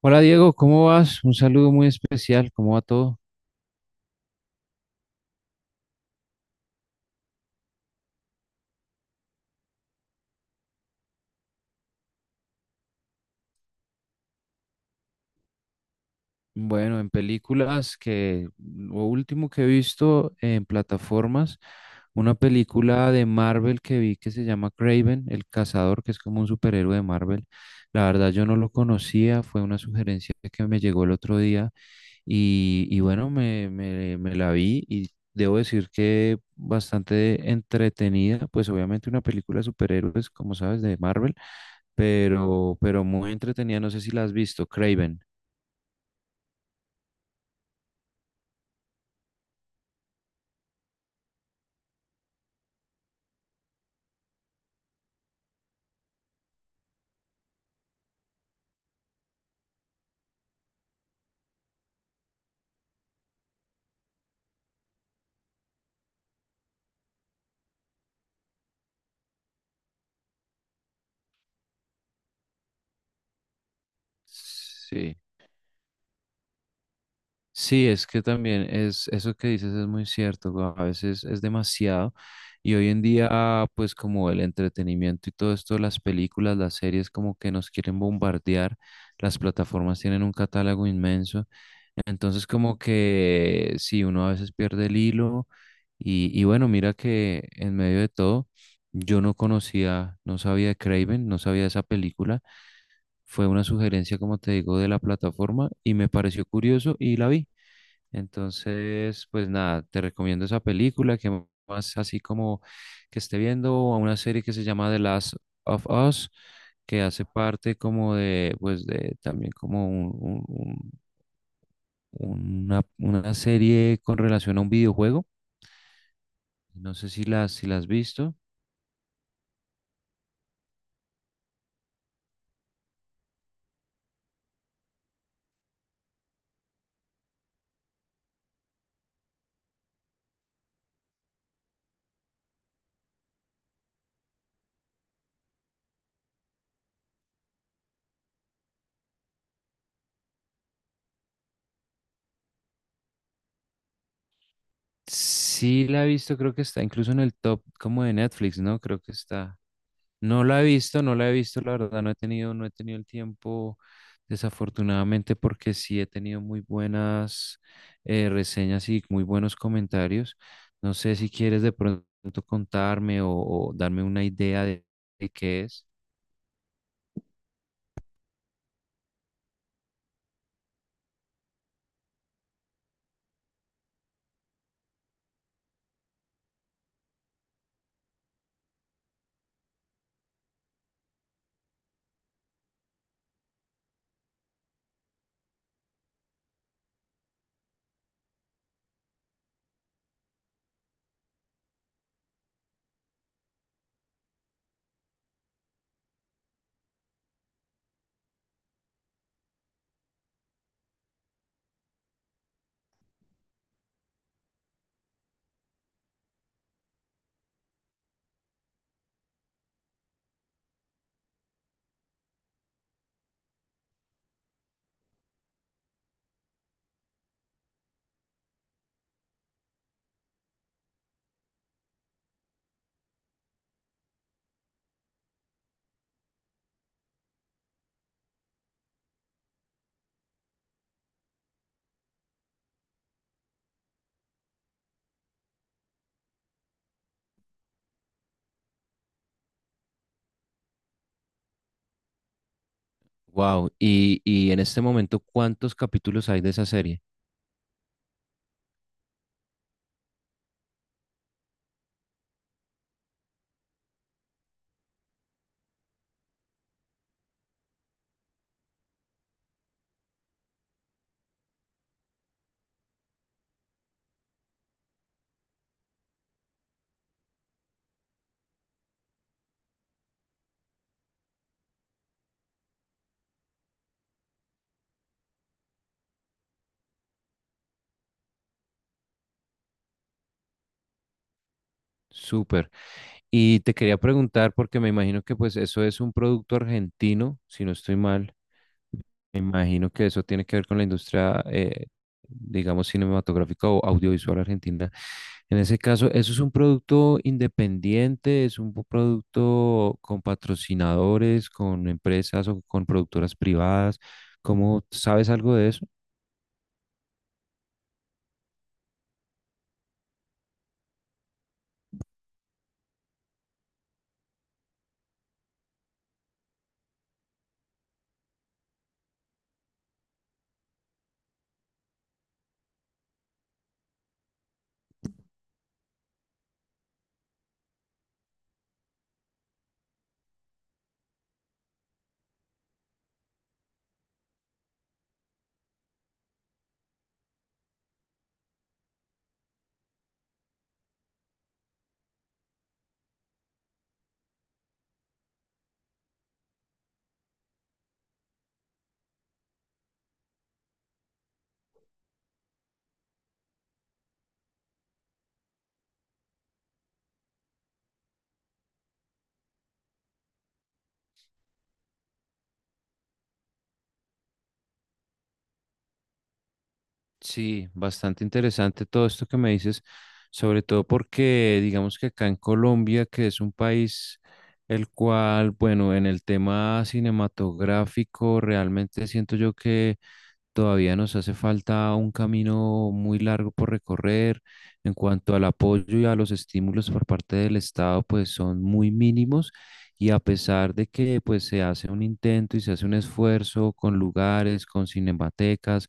Hola Diego, ¿cómo vas? Un saludo muy especial, ¿cómo va todo? Bueno, en películas que lo último que he visto en plataformas, una película de Marvel que vi que se llama Craven, el cazador, que es como un superhéroe de Marvel. La verdad yo no lo conocía, fue una sugerencia que me llegó el otro día. Y bueno, me la vi y debo decir que bastante entretenida, pues obviamente una película de superhéroes, como sabes, de Marvel, pero muy entretenida, no sé si la has visto, Craven. Sí, sí, es que también es eso que dices, es muy cierto, güey, a veces es demasiado, y hoy en día pues como el entretenimiento y todo esto, las películas, las series, como que nos quieren bombardear, las plataformas tienen un catálogo inmenso. Entonces como que sí, uno a veces pierde el hilo. Y bueno, mira que en medio de todo yo no conocía, no sabía de Craven, no sabía de esa película. Fue una sugerencia, como te digo, de la plataforma y me pareció curioso y la vi. Entonces, pues nada, te recomiendo esa película. Que más así como que esté viendo, o una serie que se llama The Last of Us, que hace parte como de, pues de también como una serie con relación a un videojuego. No sé si si la has visto. Sí la he visto, creo que está incluso en el top como de Netflix, ¿no? Creo que está. No la he visto, no la he visto, la verdad, no he tenido, no he tenido el tiempo, desafortunadamente, porque sí he tenido muy buenas, reseñas y muy buenos comentarios. No sé si quieres de pronto contarme o darme una idea de qué es. Wow, y en este momento, ¿cuántos capítulos hay de esa serie? Súper. Y te quería preguntar, porque me imagino que pues eso es un producto argentino, si no estoy mal. Me imagino que eso tiene que ver con la industria, digamos, cinematográfica o audiovisual argentina. En ese caso, ¿eso es un producto independiente? ¿Es un producto con patrocinadores, con empresas o con productoras privadas? ¿Cómo sabes algo de eso? Sí, bastante interesante todo esto que me dices, sobre todo porque digamos que acá en Colombia, que es un país el cual, bueno, en el tema cinematográfico realmente siento yo que todavía nos hace falta un camino muy largo por recorrer. En cuanto al apoyo y a los estímulos por parte del Estado, pues son muy mínimos, y a pesar de que pues se hace un intento y se hace un esfuerzo con lugares, con cinematecas,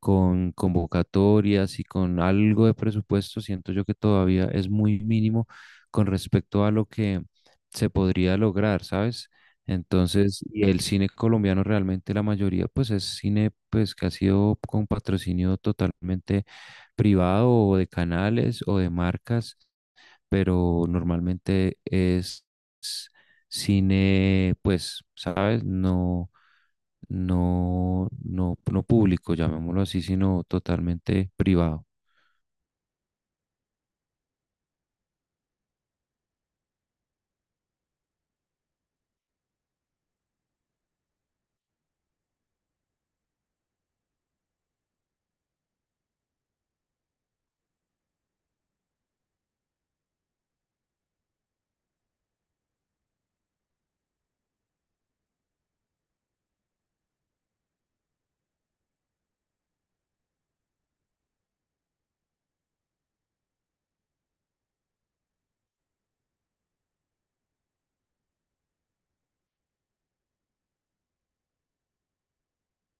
con convocatorias y con algo de presupuesto, siento yo que todavía es muy mínimo con respecto a lo que se podría lograr, ¿sabes? Entonces, y el cine colombiano realmente la mayoría, pues es cine pues que ha sido con patrocinio totalmente privado o de canales o de marcas, pero normalmente es cine, pues, ¿sabes? No, no público, llamémoslo así, sino totalmente privado.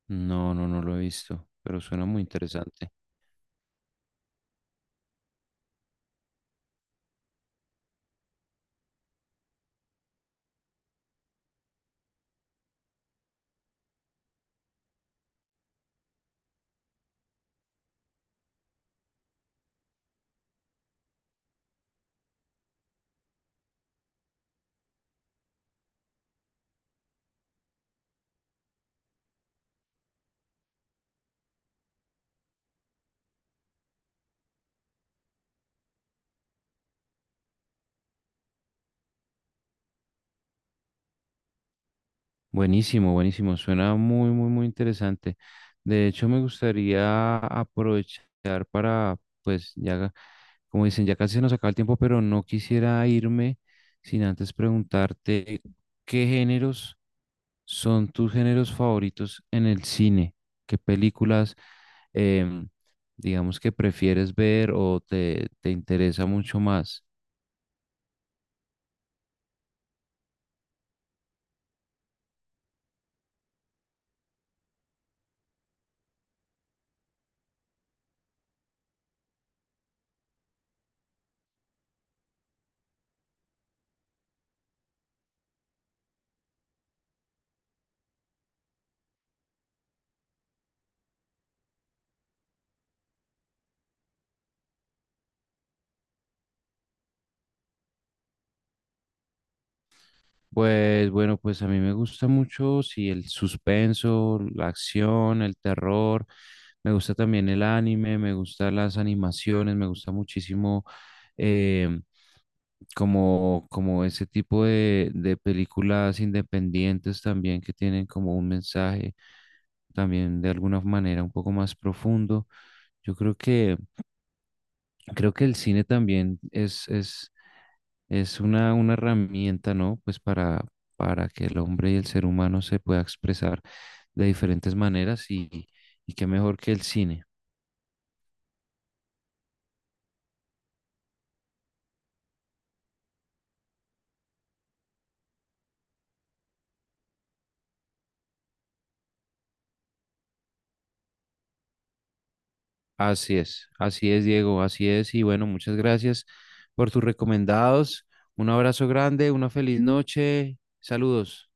No, no, no lo he visto, pero suena muy interesante. Buenísimo, buenísimo. Suena muy, muy, muy interesante. De hecho, me gustaría aprovechar para, pues, ya, como dicen, ya casi se nos acaba el tiempo, pero no quisiera irme sin antes preguntarte qué géneros son tus géneros favoritos en el cine, qué películas, em, digamos, que prefieres ver o te interesa mucho más. Pues bueno, pues a mí me gusta mucho, sí, el suspenso, la acción, el terror, me gusta también el anime, me gustan las animaciones, me gusta muchísimo, eh, como, como ese tipo de películas independientes también que tienen como un mensaje también de alguna manera un poco más profundo. Yo creo que el cine también es es una herramienta, ¿no? Pues para que el hombre y el ser humano se pueda expresar de diferentes maneras y qué mejor que el cine. Así es, Diego, así es. Y bueno, muchas gracias por tus recomendados. Un abrazo grande, una feliz noche. Saludos.